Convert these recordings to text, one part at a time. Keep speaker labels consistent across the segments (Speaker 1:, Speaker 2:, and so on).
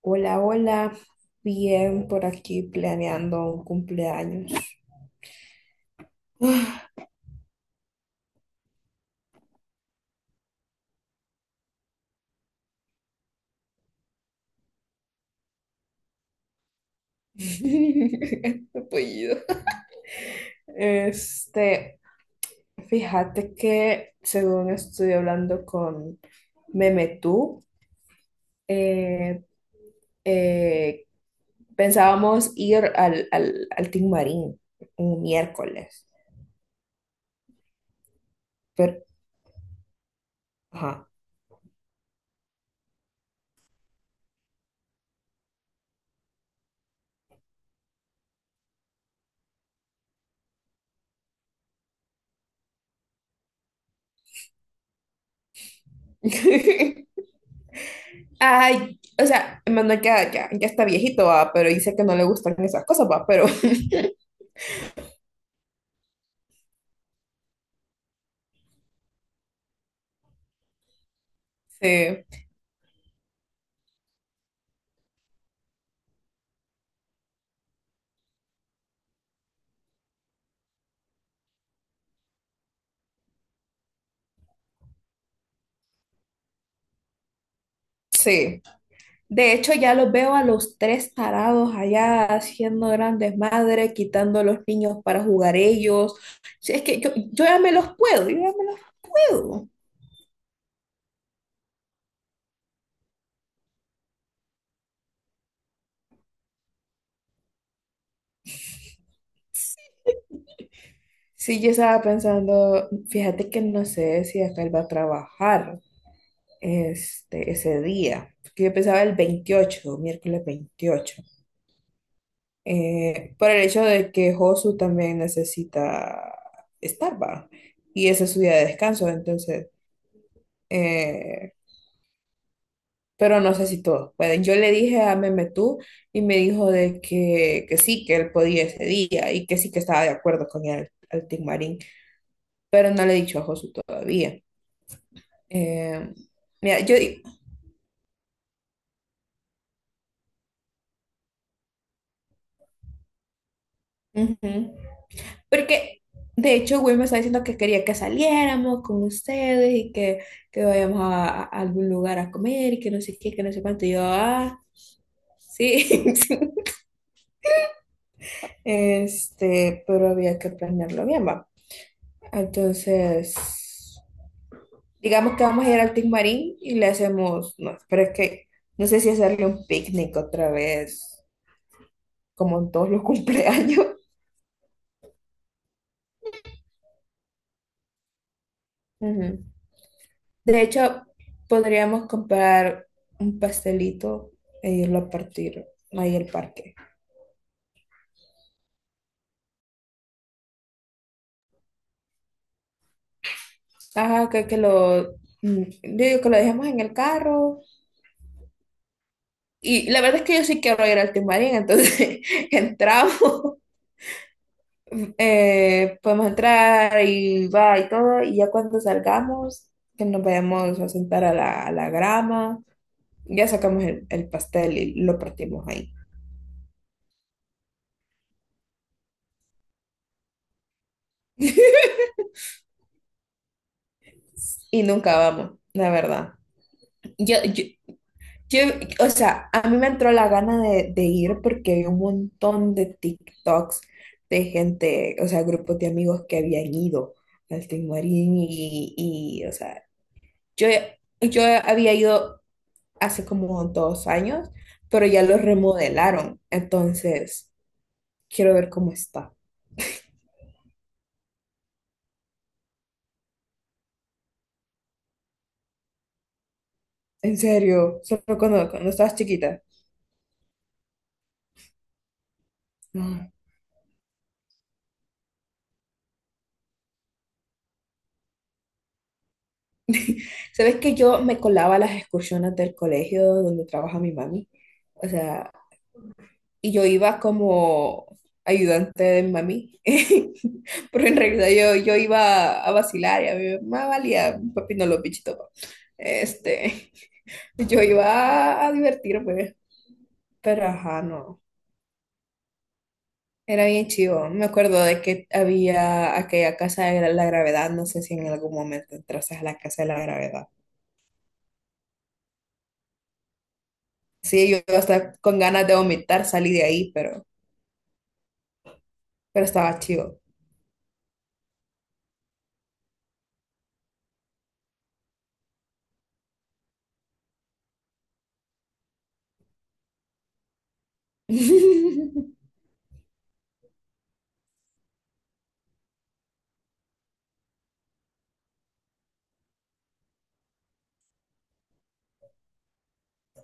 Speaker 1: Hola, hola. Bien por aquí planeando un cumpleaños. Apellido. Este, fíjate que según estoy hablando con Memetú, eh, eh, pensábamos ir al Tin Marín un miércoles, pero, ajá. Ay, o sea, Manuel ya, ya, ya está viejito, va, pero dice que no le gustan esas cosas, va, pero sí, sí. De hecho, ya los veo a los tres tarados allá haciendo grandes madres, quitando a los niños para jugar ellos. Si es que yo ya me los puedo, yo ya me los puedo. Sí, yo estaba pensando, fíjate que no sé si acá él va a trabajar este, ese día, porque yo pensaba el 28, miércoles 28, por el hecho de que Josu también necesita estar, va, y ese es su día de descanso, entonces... eh, pero no sé si todos pueden. Yo le dije a Meme tú y me dijo de que sí, que él podía ese día y que sí, que estaba de acuerdo con el Team Marín, pero no le he dicho a Josu todavía. Eh, Mira, yo digo, ujú, porque de hecho Will me está diciendo que quería que saliéramos con ustedes y que vayamos a algún lugar a comer y que no sé qué, que no sé cuánto. Y yo, ah, sí, sí. Este, pero había que planearlo bien, va. Entonces, digamos que vamos a ir al Tic Marín y le hacemos, no, pero es que no sé si hacerle un picnic otra vez, como en todos los cumpleaños. Ujú. De hecho, podríamos comprar un pastelito e irlo a partir ahí al parque. Ajá, que lo, yo digo que lo dejemos en el carro. Y la verdad es que yo sí quiero ir al Timarín, entonces entramos, podemos entrar y va y todo, y ya cuando salgamos, que nos vayamos a sentar a la grama, ya sacamos el pastel y lo partimos ahí. Y nunca vamos, la verdad. Yo, yo, yo, o sea, a mí me entró la gana de ir porque vi un montón de TikToks de gente, o sea, grupos de amigos que habían ido al Tin Marín y, o sea, yo, yo había ido hace como 2 años, pero ya lo remodelaron. Entonces, quiero ver cómo está. En serio, solo cuando estabas chiquita. Ah. ¿Sabes que yo me colaba a las excursiones del colegio donde trabaja mi mami? O sea, y yo iba como ayudante de mi mami. Pero en realidad yo iba a vacilar y a mí me valía, papi no lo pichito pues. Este, yo iba a divertirme, pero ajá, no. Era bien chivo. Me acuerdo de que había aquella casa de la gravedad. No sé si en algún momento entraste a la casa de la gravedad. Sí, yo hasta con ganas de vomitar salí de ahí, pero estaba chivo.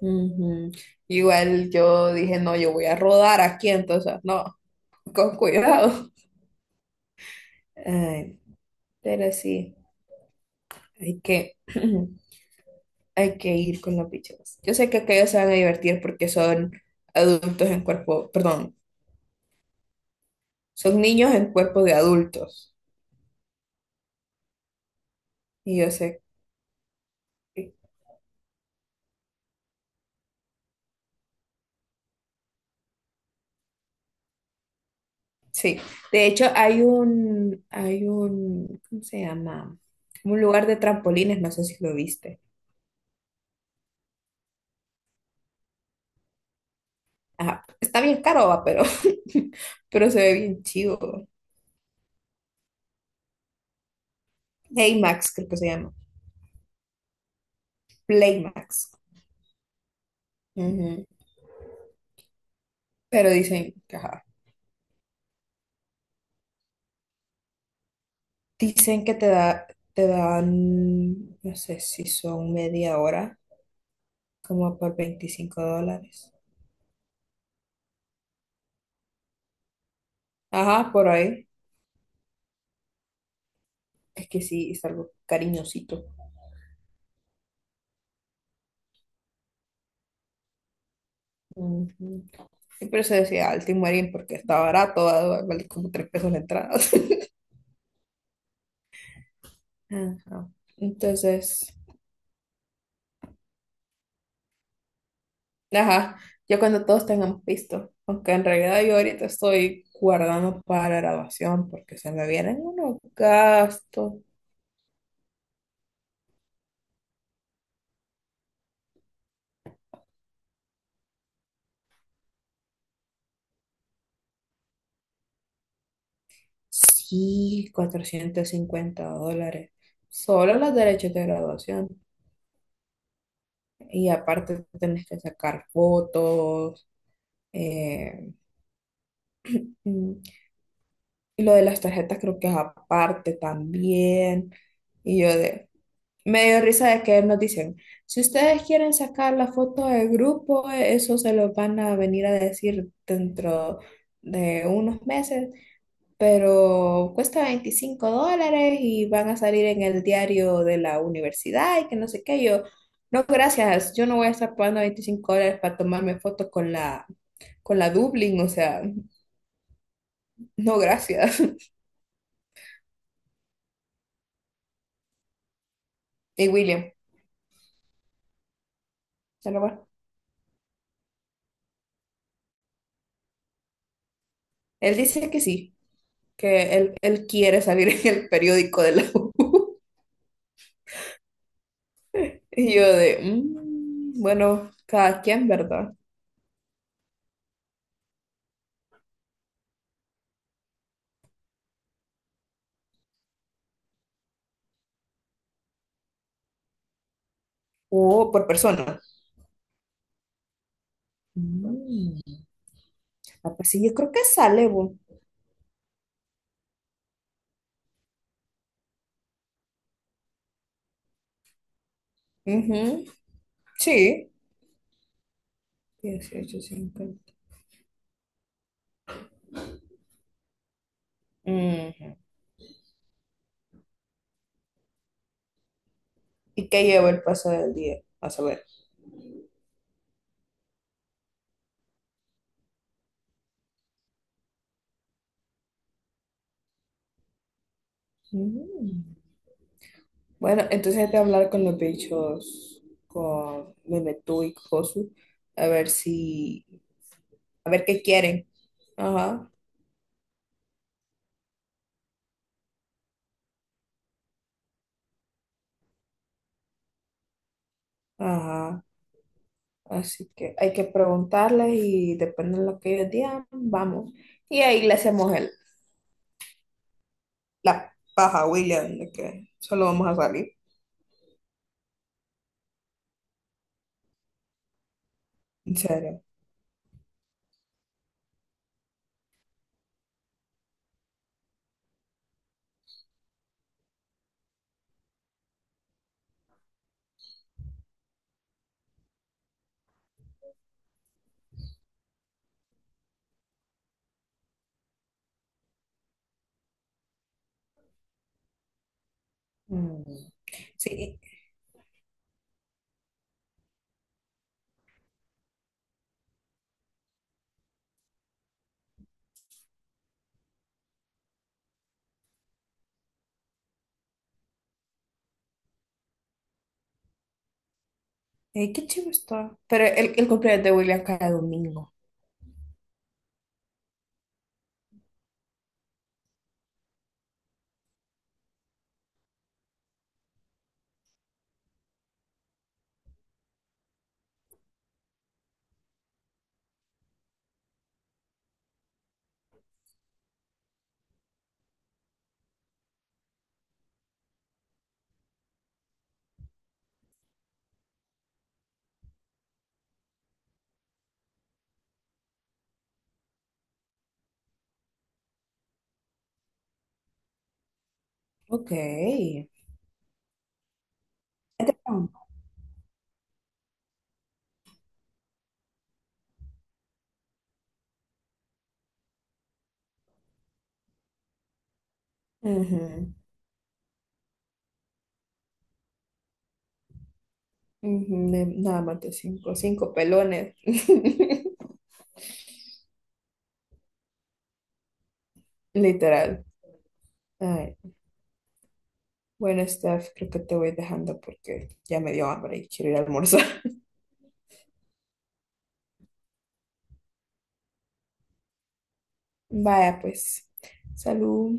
Speaker 1: Ujú. Igual yo dije, no, yo voy a rodar aquí, entonces, no, con cuidado. Ay, pero sí, hay que, hay que ir con los bichos. Yo sé que aquellos se van a divertir porque son adultos en cuerpo, perdón, son niños en cuerpo de adultos. Y yo sé, que- sí. De hecho, hay un, ¿cómo se llama? Un lugar de trampolines, no sé si lo viste. Ajá. Está bien caro, va, pero, pero se ve bien chido. Playmax, creo que se llama. Playmax. Ujú. Pero dicen, ajá, dicen que te da, te dan, no sé si son media hora, como por 25 dólares. Ajá, por ahí. Es que sí, es algo cariñosito. Ujú. Sí, por eso decía al Timurín, porque está barato, vale como 3 pesos la entrada. Ajá. Entonces, ajá, ya cuando todos tengamos visto, aunque en realidad yo ahorita estoy guardando para la graduación porque se me vienen unos gastos. Sí, 450 dólares. Solo los derechos de graduación. Y aparte tenés que sacar fotos, eh, mm, y lo de las tarjetas creo que es aparte también. Y yo de... Me dio risa de que nos dicen, si ustedes quieren sacar la foto del grupo, eso se lo van a venir a decir dentro de unos meses, pero cuesta 25 dólares y van a salir en el diario de la universidad y que no sé qué. Yo, no, gracias, yo no voy a estar pagando 25 dólares para tomarme foto con la Dublin, o sea, no, gracias. Y William, se lo va. Él dice que sí, que él quiere salir en el periódico de la U. Y yo de, "Mm, bueno, cada quien, ¿verdad?". O por persona. Mm, ah, pues sí, yo creo que sale, bu. Ujú. Sí. 18.50. Ujú. ¿Y qué llevo el paso del día? A saber. Mm. Bueno, entonces hay que hablar con los bichos, con Memetú y Josu, a ver si, a ver qué quieren. Ajá, ajá. Así que hay que preguntarles y depende de lo que ellos digan, vamos. Y ahí le hacemos el, la paja a William de que solo vamos a salir. En serio. Mm. Sí, qué chido está. Pero el cumpleaños de William cada domingo. Ok. Es de campo. Ujú, ujú, nada más de cinco, cinco pelones. Literal. Ay. Bueno, Steph, creo que te voy dejando porque ya me dio hambre y quiero ir a almorzar. Vaya, pues, salud.